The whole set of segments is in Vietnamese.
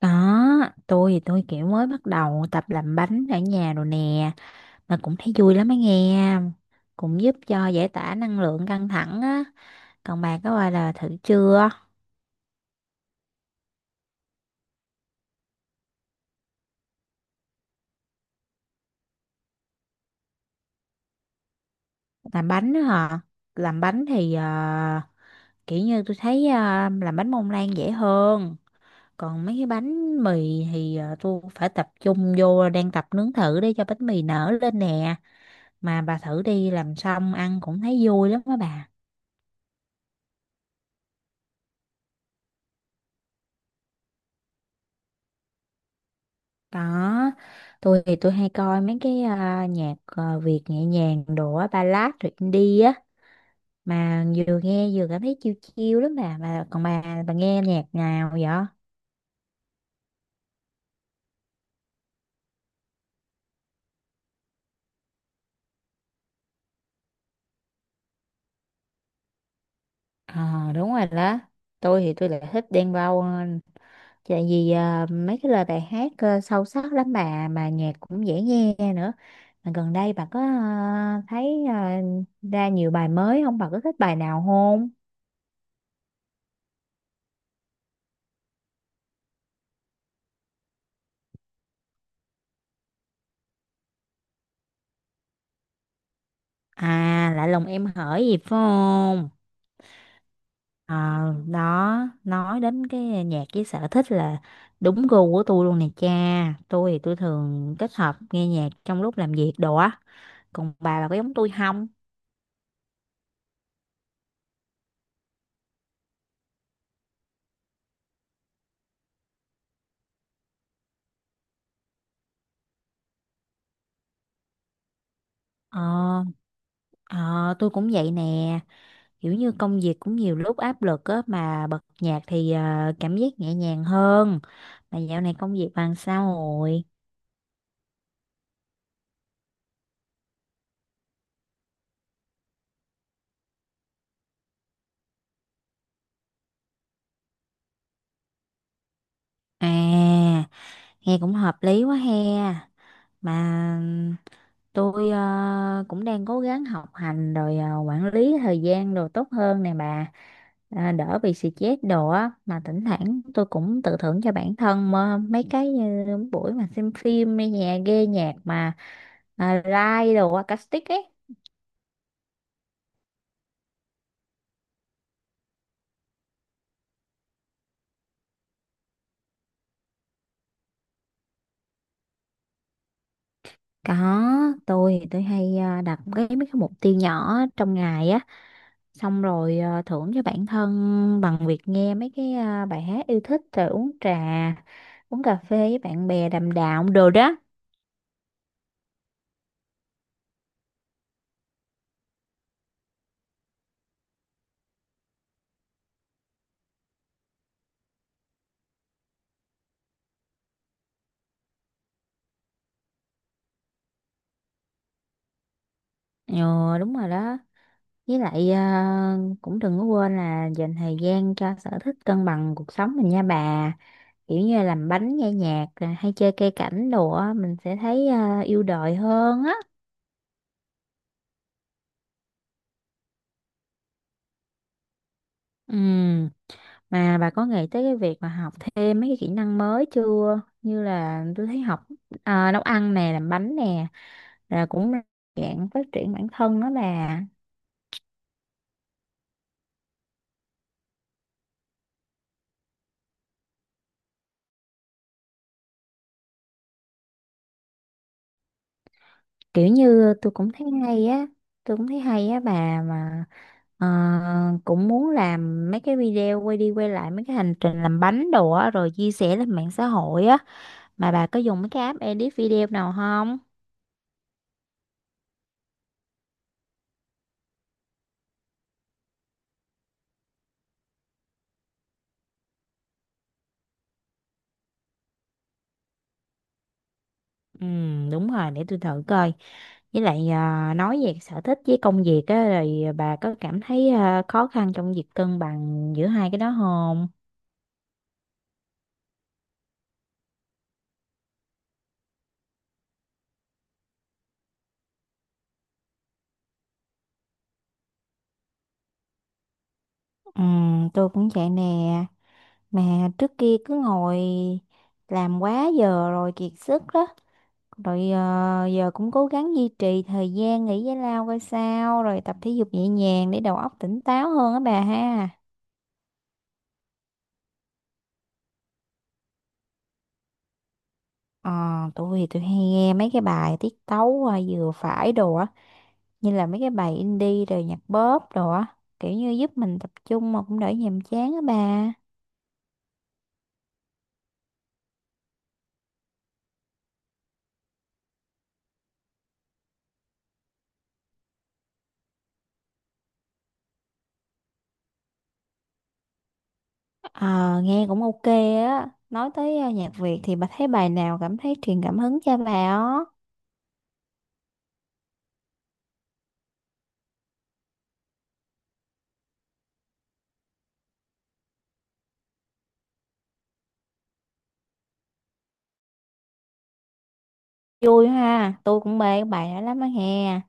Đó, tôi thì tôi kiểu mới bắt đầu tập làm bánh ở nhà rồi nè, mà cũng thấy vui lắm á nghe, cũng giúp cho giải tỏa năng lượng căng thẳng á. Còn bà có bao giờ thử chưa? Làm bánh đó hả? Làm bánh thì kiểu như tôi thấy làm bánh mông lan dễ hơn. Còn mấy cái bánh mì thì tôi phải tập trung vô đang tập nướng thử để cho bánh mì nở lên nè. Mà bà thử đi làm xong ăn cũng thấy vui lắm á bà. Đó, tôi thì tôi hay coi mấy cái nhạc Việt nhẹ nhàng đồ á, ballad rồi indie á mà vừa nghe vừa cảm thấy chill chill lắm bà mà còn bà nghe nhạc nào vậy? Ờ, đúng rồi đó. Tôi thì tôi lại thích Đen Vâu hơn. Tại vì mấy cái lời bài hát sâu sắc lắm bà mà nhạc cũng dễ nghe nữa. Mà gần đây bà có thấy ra nhiều bài mới không? Bà có thích bài nào không? À, lại lòng em hỡi gì phải không? Ờ, đó, nói đến cái nhạc với sở thích là đúng gu của tôi luôn nè cha. Tôi thì tôi thường kết hợp nghe nhạc trong lúc làm việc đồ á. Còn bà có giống tôi không? Ờ, ờ, tôi cũng vậy nè. Kiểu như công việc cũng nhiều lúc áp lực á mà bật nhạc thì cảm giác nhẹ nhàng hơn. Mà dạo này công việc bằng sao rồi? À, nghe cũng hợp lý quá he. Mà tôi cũng đang cố gắng học hành rồi quản lý thời gian đồ tốt hơn nè bà, đỡ bị stress đồ á mà thỉnh thoảng tôi cũng tự thưởng cho bản thân mà mấy cái như buổi mà xem phim nghe nhạc ghê nhạc mà live đồ acoustic ấy. Có, tôi thì tôi hay đặt cái mấy cái mục tiêu nhỏ trong ngày á, xong rồi thưởng cho bản thân bằng việc nghe mấy cái bài hát yêu thích rồi uống trà uống cà phê với bạn bè đàm đạo đồ đó. Ừ, đúng rồi đó, với lại cũng đừng có quên là dành thời gian cho sở thích cân bằng cuộc sống mình nha bà, kiểu như là làm bánh nghe nhạc rồi hay chơi cây cảnh đồ á mình sẽ thấy yêu đời hơn á. Ừ, mà bà có nghĩ tới cái việc mà học thêm mấy cái kỹ năng mới chưa, như là tôi thấy học nấu ăn nè làm bánh nè rồi cũng là dạng phát triển bản thân đó bà. Kiểu như tôi cũng thấy hay á, tôi cũng thấy hay á bà, mà ờ, cũng muốn làm mấy cái video quay đi quay lại mấy cái hành trình làm bánh đồ á rồi chia sẻ lên mạng xã hội á. Mà bà có dùng mấy cái app edit video nào không? Ừ, đúng rồi, để tôi thử coi. Với lại nói về sở thích với công việc á, rồi bà có cảm thấy khó khăn trong việc cân bằng giữa hai cái đó không? Ừ, tôi cũng vậy nè. Mà trước kia cứ ngồi làm quá giờ rồi kiệt sức đó. Rồi giờ cũng cố gắng duy trì thời gian nghỉ giải lao coi sao. Rồi tập thể dục nhẹ nhàng để đầu óc tỉnh táo hơn á bà ha. Ờ, tôi thì tôi hay nghe mấy cái bài tiết tấu vừa phải đồ á. Như là mấy cái bài indie rồi nhạc pop đồ á. Kiểu như giúp mình tập trung mà cũng đỡ nhàm chán á bà. Ờ, nghe cũng ok á. Nói tới nhạc Việt thì bà thấy bài nào cảm thấy truyền cảm hứng cho bà á? Vui ha, tôi cũng mê cái bài đó lắm á hè.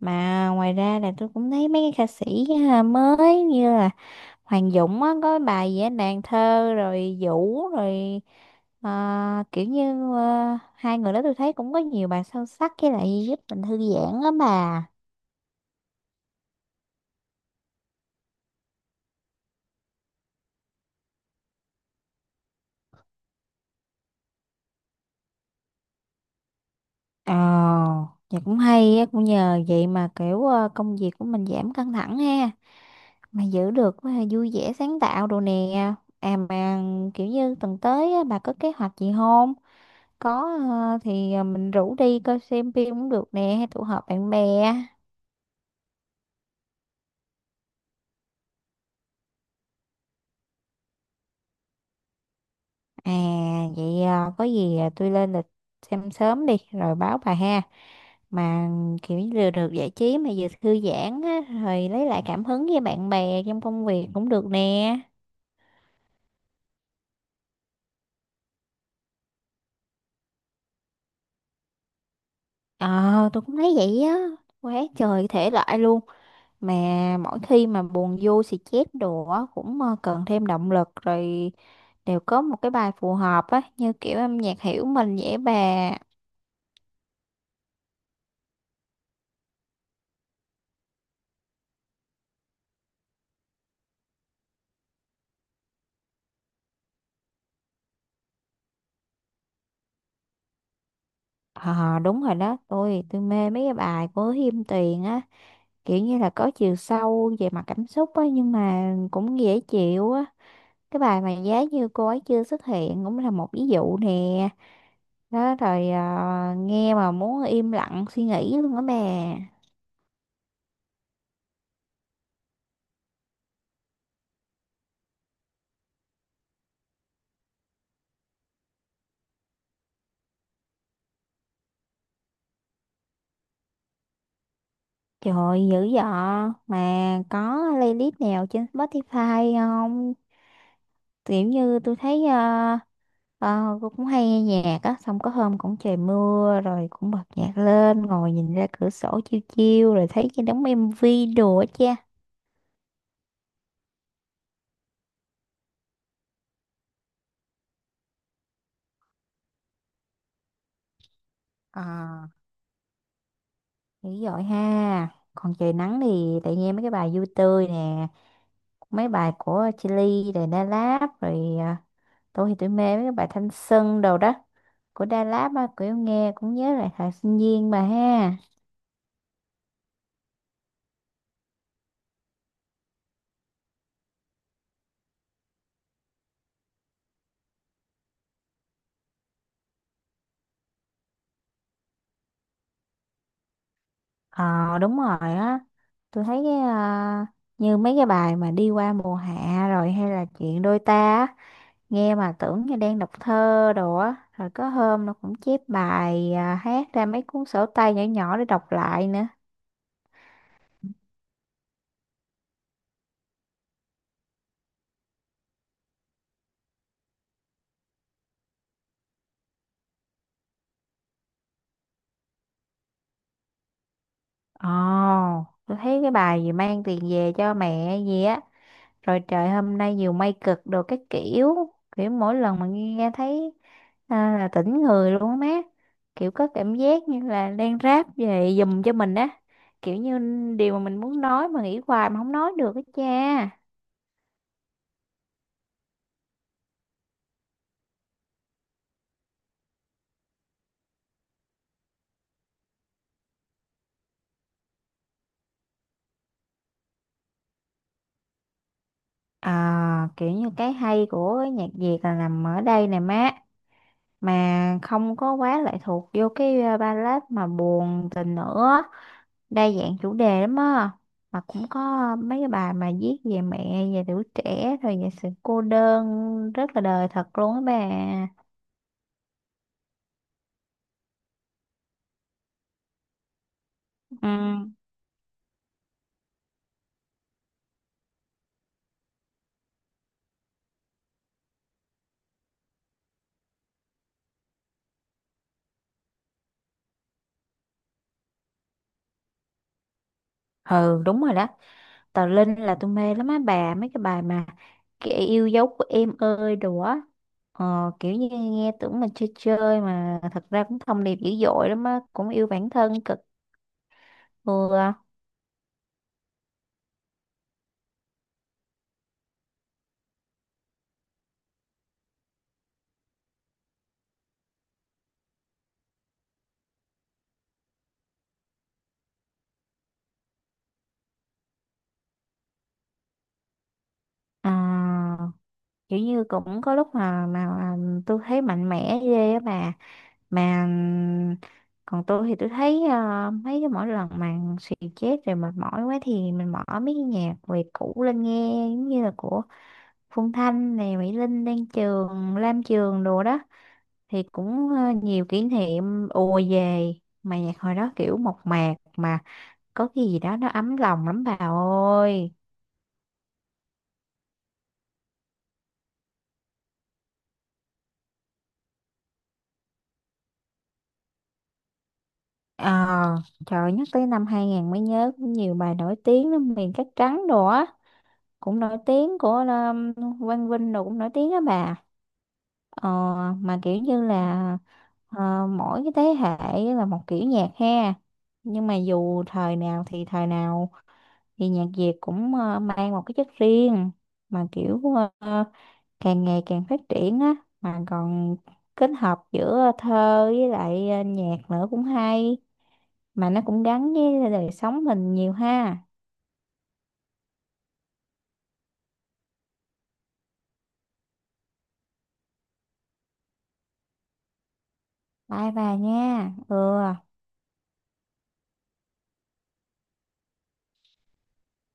Mà ngoài ra là tôi cũng thấy mấy cái ca sĩ mới như là Hoàng Dũng á, có bài gì á, nàng thơ rồi Vũ rồi kiểu như hai người đó tôi thấy cũng có nhiều bài sâu sắc với lại giúp mình thư giãn á bà. Ờ, thì cũng hay á, cũng nhờ vậy mà kiểu công việc của mình giảm căng thẳng ha. Mà giữ được vui vẻ sáng tạo đồ nè. À mà kiểu như tuần tới á, bà có kế hoạch gì không? Có, mình rủ đi coi xem phim cũng được nè hay tụ họp bạn bè. À vậy có gì tôi lên lịch xem sớm đi rồi báo bà ha, mà kiểu như vừa được giải trí mà vừa thư giãn á rồi lấy lại cảm hứng với bạn bè trong công việc cũng được nè. Ờ, tôi cũng thấy vậy á, quá trời thể loại luôn. Mà mỗi khi mà buồn vô xì chét đồ á cũng cần thêm động lực rồi đều có một cái bài phù hợp á, như kiểu âm nhạc hiểu mình dễ bà. Ờ đúng rồi đó, tôi mê mấy cái bài của Hiêm Tuyền á, kiểu như là có chiều sâu về mặt cảm xúc á nhưng mà cũng dễ chịu á. Cái bài mà giá như cô ấy chưa xuất hiện cũng là một ví dụ nè đó, rồi nghe mà muốn im lặng suy nghĩ luôn á bè. Trời, dữ dọ. Mà có playlist nào trên Spotify không? Kiểu như tôi thấy ờ, cô cũng hay nghe nhạc á, xong có hôm cũng trời mưa rồi cũng bật nhạc lên, ngồi nhìn ra cửa sổ chiêu chiêu rồi thấy cái đống MV đồ á cha. Ờ, dữ dội ha. Còn trời nắng thì lại nghe mấy cái bài vui tươi nè, mấy bài của Chillies rồi Da Lab rồi tôi thì tôi mê mấy cái bài Thanh Xuân đồ đó của Da Lab á, kiểu nghe cũng nhớ lại thời sinh viên mà ha. Ờ đúng rồi á, tôi thấy cái như mấy cái bài mà đi qua mùa hạ rồi hay là chuyện đôi ta á, nghe mà tưởng như đang đọc thơ đồ á rồi có hôm nó cũng chép bài hát ra mấy cuốn sổ tay nhỏ nhỏ để đọc lại nữa. Ồ, tôi thấy cái bài gì mang tiền về cho mẹ gì á rồi trời hôm nay nhiều mây cực đồ các kiểu, kiểu mỗi lần mà nghe thấy là tỉnh người luôn á má, kiểu có cảm giác như là đang ráp về giùm cho mình á, kiểu như điều mà mình muốn nói mà nghĩ hoài mà không nói được á cha. À, kiểu như cái hay của cái nhạc Việt là nằm ở đây nè má, mà không có quá lệ thuộc vô cái ballad mà buồn tình nữa, đa dạng chủ đề lắm á, mà cũng có mấy cái bài mà viết về mẹ về tuổi trẻ rồi về sự cô đơn rất là đời thật luôn á bà. Ừ ừ đúng rồi đó. Tờ Linh là tôi mê lắm á bà, mấy cái bài mà kẻ yêu dấu của em ơi đồ á, kiểu như nghe tưởng mình chơi chơi mà thật ra cũng thông điệp dữ dội lắm á, cũng yêu bản thân cực vừa. À, kiểu như cũng có lúc mà tôi thấy mạnh mẽ ghê á bà. Mà còn tôi thì tôi thấy mấy cái mỗi lần mà xì chết rồi mệt mỏi quá thì mình mở mấy cái nhạc về cũ lên nghe giống như là của Phương Thanh này Mỹ Linh Đan Trường Lam Trường đồ đó thì cũng nhiều kỷ niệm ùa về, mà nhạc hồi đó kiểu mộc mạc mà có cái gì đó nó ấm lòng lắm bà ơi. Ờ, trời nhắc tới năm 2000 mới nhớ cũng nhiều bài nổi tiếng lắm, miền cát trắng đồ á cũng nổi tiếng của Quang Vinh rồi cũng nổi tiếng á bà. Ờ, mà kiểu như là ờ, Mỗi cái thế hệ là một kiểu nhạc ha, nhưng mà dù thời nào thì nhạc Việt cũng mang một cái chất riêng, mà kiểu ờ, càng ngày càng phát triển á, mà còn kết hợp giữa thơ với lại nhạc nữa cũng hay, mà nó cũng gắn với đời sống mình nhiều ha. Bye bà nha. Ừ.